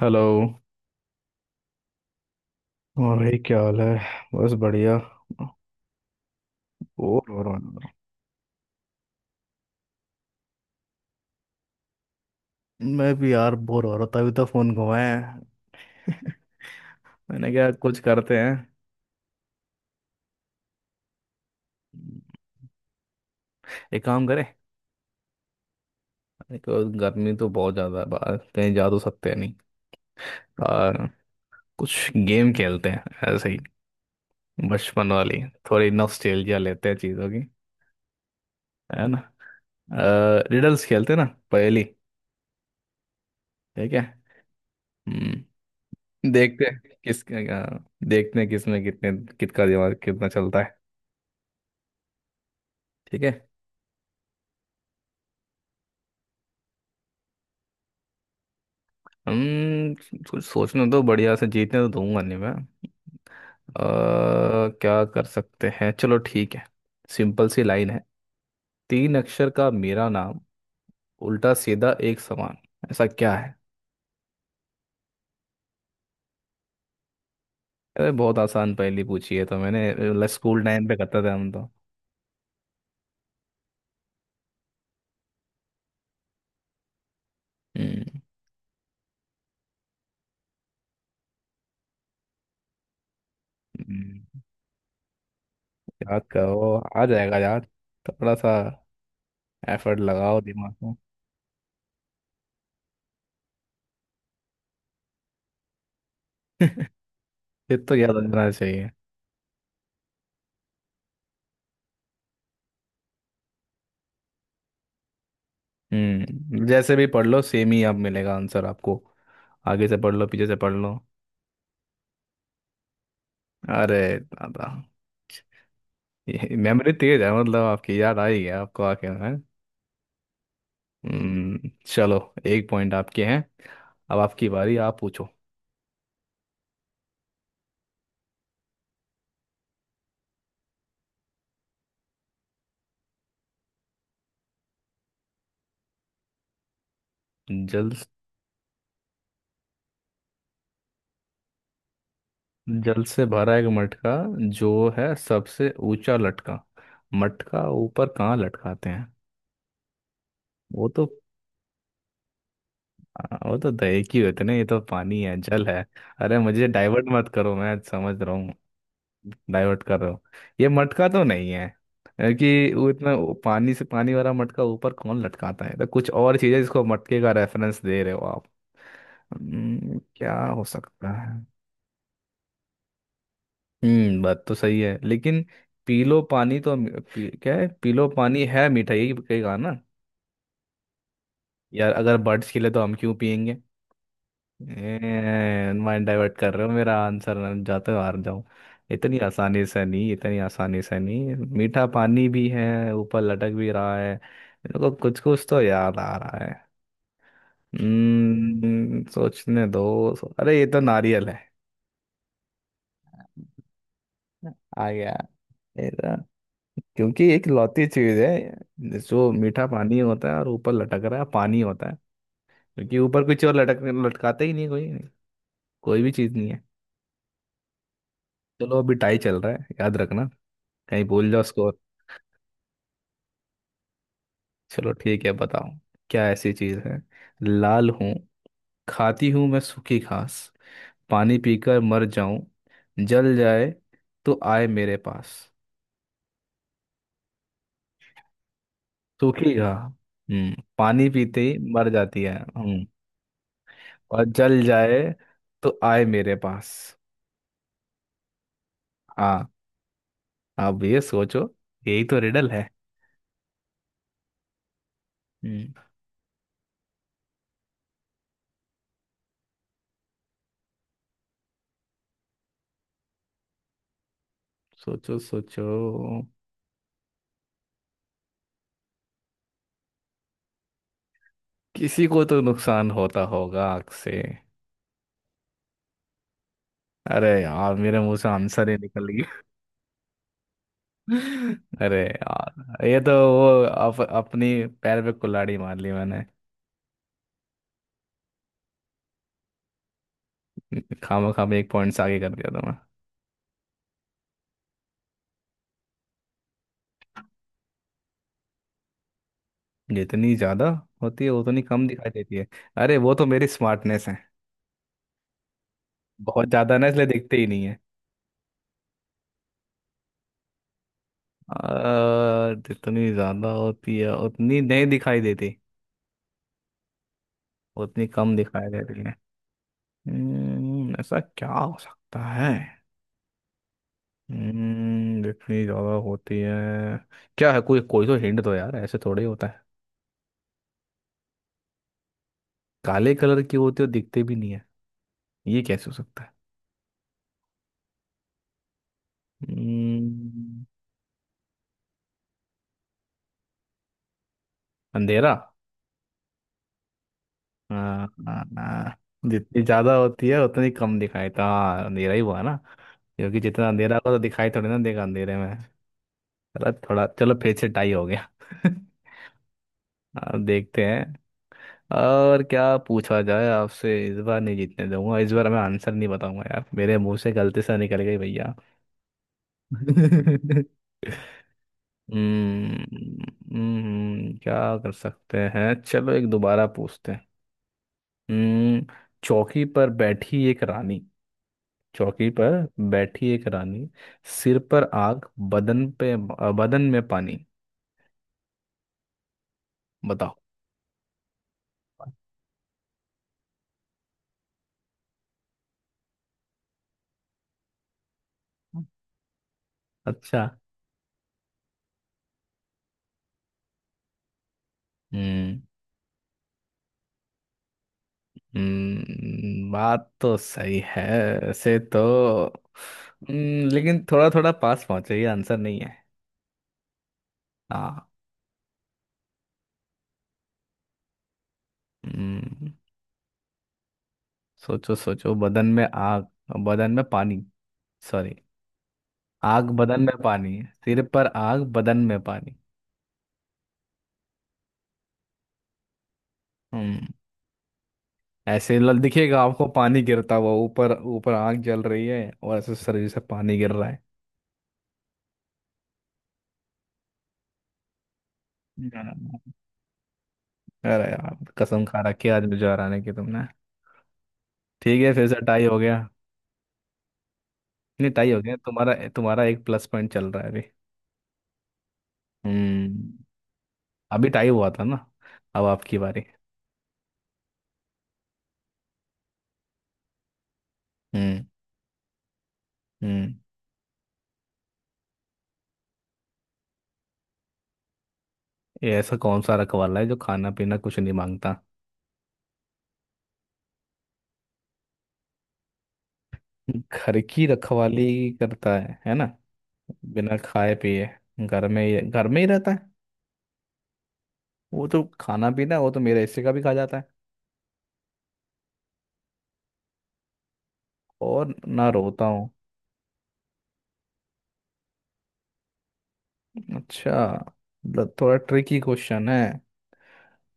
Hello. और भाई क्या हाल है? बस बढ़िया। बोर हो रहा हूँ। मैं भी यार बोर हो रहा था। अभी तो फोन घुमाया है मैंने। क्या कुछ करते हैं? एक काम करें। एक गर्मी तो बहुत ज्यादा है, बाहर कहीं जा तो सकते हैं नहीं। आ, कुछ गेम खेलते हैं, ऐसे ही, बचपन वाली। थोड़ी नॉस्टैल्जिया लेते हैं चीजों की। है ना? रिडल्स खेलते हैं ना, पहेली। ठीक है। हम्म, देखते हैं किस देखते हैं किसमें कितने, किसका दिमाग कितना चलता है। ठीक है। हम कुछ सोचने तो बढ़िया से, जीतने तो दूंगा नहीं मैं। अ, क्या कर सकते हैं, चलो ठीक है। सिंपल सी लाइन है। तीन अक्षर का मेरा नाम, उल्टा सीधा एक समान। ऐसा क्या है? अरे बहुत आसान पहेली पूछी है तो मैंने, मतलब स्कूल टाइम पे करते थे हम तो। हम्म हम्म, याद करो, आ जाएगा यार। थोड़ा सा एफर्ट लगाओ दिमाग में। ये तो याद होना चाहिए। जैसे भी पढ़ लो सेम ही अब मिलेगा आंसर आपको। आगे से पढ़ लो, पीछे से पढ़ लो। अरे दादा! ये मेमोरी तेज है, मतलब आपकी। याद आ ही गया आपको, आके है। चलो। एक पॉइंट आपके हैं। अब आपकी बारी, आप पूछो। जल जल से भरा एक मटका, जो है सबसे ऊंचा लटका। मटका ऊपर कहाँ लटकाते हैं? वो तो वो तो दही की होते ना, ये तो पानी है, जल है। अरे मुझे डाइवर्ट मत करो, मैं समझ रहा। डाइवर्ट कर रहे हो। ये मटका तो नहीं है, है कि वो इतना, वो पानी से, पानी वाला मटका ऊपर कौन लटकाता है? तो कुछ और चीज़ है जिसको मटके का रेफरेंस दे रहे हो आप। क्या हो सकता है? बात तो सही है लेकिन पीलो पानी तो क्या है, पीलो पानी है मीठा, यही कहेगा ना। यार अगर बर्ड्स के लिए तो हम क्यों पियेंगे? माइंड डाइवर्ट कर रहे हो मेरा आंसर, मैं जाते हार जाऊं। इतनी आसानी से नहीं, इतनी आसानी से नहीं। मीठा पानी भी है, ऊपर लटक भी रहा है। इनको कुछ कुछ तो याद आ रहा है। हम्म, सोचने दो। अरे ये तो नारियल है! आ गया। ये तो, क्योंकि एक लौती चीज है जो मीठा पानी होता है और ऊपर लटक रहा है, पानी होता है। क्योंकि ऊपर कुछ और लटक, लटकाते ही नहीं कोई, कोई भी चीज नहीं है। चलो, अभी टाई चल रहा है, याद रखना, कहीं भूल जाओ स्कोर। चलो ठीक है, बताओ। क्या ऐसी चीज है? लाल हूँ, खाती हूँ मैं सूखी घास, पानी पीकर मर जाऊं, जल जाए तो आए मेरे पास। सूखी घास। हम्म, पानी पीते ही मर जाती है, हम्म। और जल जाए तो आए मेरे पास। हाँ, अब ये सोचो, यही तो रिडल है। हम्म, सोचो सोचो। किसी को तो नुकसान होता होगा आग से। अरे यार, मेरे मुंह से आंसर ही निकल, अरे यार ये तो वो अपनी पैर पे कुल्हाड़ी मार ली मैंने! खामा खामा एक पॉइंट से आगे कर दिया था मैं। जितनी ज्यादा होती है उतनी कम दिखाई देती है? अरे वो तो मेरी स्मार्टनेस है! बहुत ज्यादा ना, इसलिए दिखते ही नहीं है। जितनी ज्यादा होती है उतनी नहीं दिखाई देती, उतनी कम दिखाई देती है। ऐसा क्या हो सकता है? जितनी ज्यादा होती है, क्या है, कोई, कोई तो हिंट दो यार, ऐसे थोड़ी होता है। काले कलर के होते और दिखते भी नहीं है, ये कैसे हो सकता है? हम्म, अंधेरा। आ, आ, आ, जितनी ज्यादा होती है उतनी कम दिखाई था, हाँ, अंधेरा ही हुआ ना। क्योंकि जितना अंधेरा होगा तो दिखाई थोड़ी ना देगा अंधेरे में। चलो थोड़ा, चलो फिर से टाई हो गया। अब देखते हैं और क्या पूछा जाए आपसे, इस बार नहीं जीतने दूंगा। इस बार मैं आंसर नहीं बताऊंगा यार, मेरे मुंह से गलती से निकल गई भैया। हम्म क्या कर सकते हैं, चलो एक दोबारा पूछते हैं। हम्म। चौकी पर बैठी एक रानी, चौकी पर बैठी एक रानी, सिर पर आग, बदन पे बदन में पानी। बताओ। अच्छा। हम्म। बात तो सही है, ऐसे तो, लेकिन थोड़ा थोड़ा पास पहुंचे, ये आंसर नहीं है। हाँ। हम्म सोचो सोचो, बदन में आग, बदन में पानी, सॉरी, आग बदन में पानी, सिर पर आग बदन में पानी। हम्म। ऐसे दिखेगा आपको पानी गिरता हुआ, ऊपर ऊपर आग जल रही है और ऐसे शरीर से पानी गिर रहा है। हम्म। अरे यार, कसम खा रखी है आज मुझे हराने की तुमने! ठीक है, फिर से टाई हो गया। नहीं, टाई हो गया? तुम्हारा तुम्हारा एक प्लस पॉइंट चल रहा है अभी। हम्म। अभी टाई हुआ था ना? अब आपकी बारी। हम्म। हम्म। ये ऐसा कौन सा रखवाला है जो खाना पीना कुछ नहीं मांगता? घर की रखवाली करता है ना? बिना खाए पिए, घर में ही रहता है। वो तो खाना पीना, वो तो मेरे हिस्से का भी खा जाता है। और ना रोता हूँ। अच्छा। मतलब थोड़ा ट्रिकी क्वेश्चन है।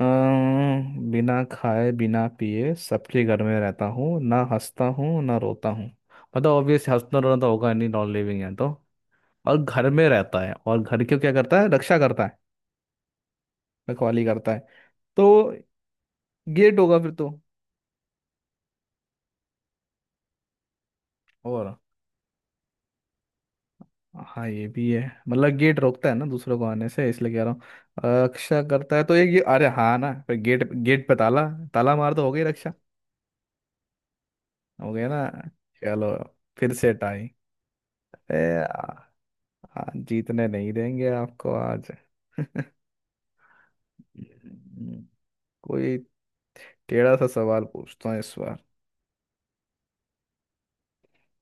बिना खाए बिना पिए, सबके घर में रहता हूँ, ना हंसता हूँ ना रोता हूँ। मतलब ऑब्वियस हंसना रोना तो होगा नहीं, नॉन लिविंग है तो। और घर में रहता है, और घर की क्या करता है, रक्षा करता है, रखवाली करता है। तो गेट होगा फिर तो। और हाँ, ये भी है। मतलब गेट रोकता है ना दूसरों को आने से, इसलिए कह रहा हूँ। रक्षा करता है, तो ये अरे हाँ ना, पर गेट गेट पे ताला, ताला मार तो हो गई रक्षा। हो गया ना। चलो, फिर से टाई। ए आ, जीतने नहीं देंगे आपको आज। कोई टेढ़ा सा सवाल पूछता हूँ इस बार।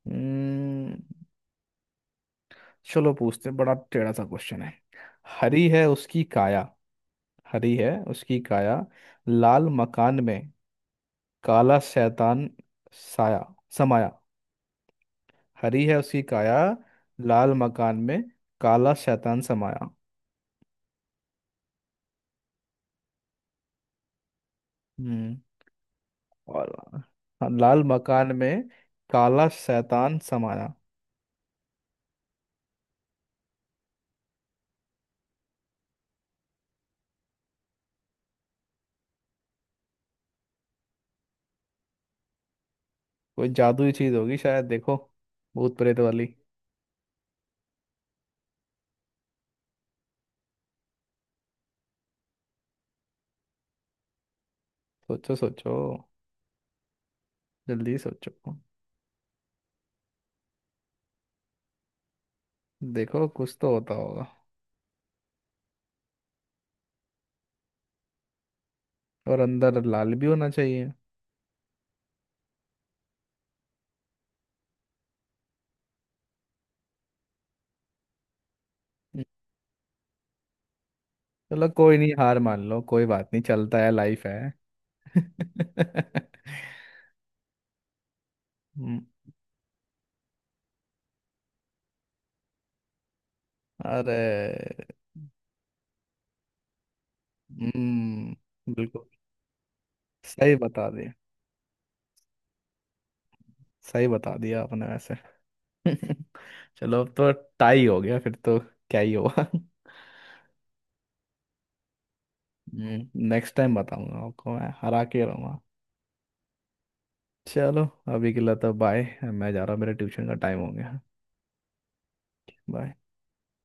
हम्म, चलो पूछते हैं, बड़ा टेढ़ा सा क्वेश्चन है। हरी है उसकी काया, हरी है उसकी काया, लाल मकान में काला शैतान साया समाया। हरी है उसकी काया, लाल मकान में काला शैतान समाया। हम्म। और, हाँ, लाल मकान में काला शैतान समाया। कोई जादुई चीज होगी शायद, देखो, भूत प्रेत वाली। सोचो सोचो, जल्दी सोचो। देखो कुछ तो होता होगा। और अंदर लाल भी होना चाहिए। हम्म, चलो कोई नहीं, हार मान लो, कोई बात नहीं, चलता है, लाइफ है। हम्म, अरे हम्म, बिल्कुल। सही बता दिया, सही बता दिया आपने वैसे। चलो अब तो टाई हो गया फिर तो, क्या ही होगा। नेक्स्ट टाइम बताऊंगा आपको, मैं हरा के रहूंगा। चलो, अभी के लिए तो बाय, मैं जा रहा हूँ, मेरे ट्यूशन का टाइम हो गया। बाय।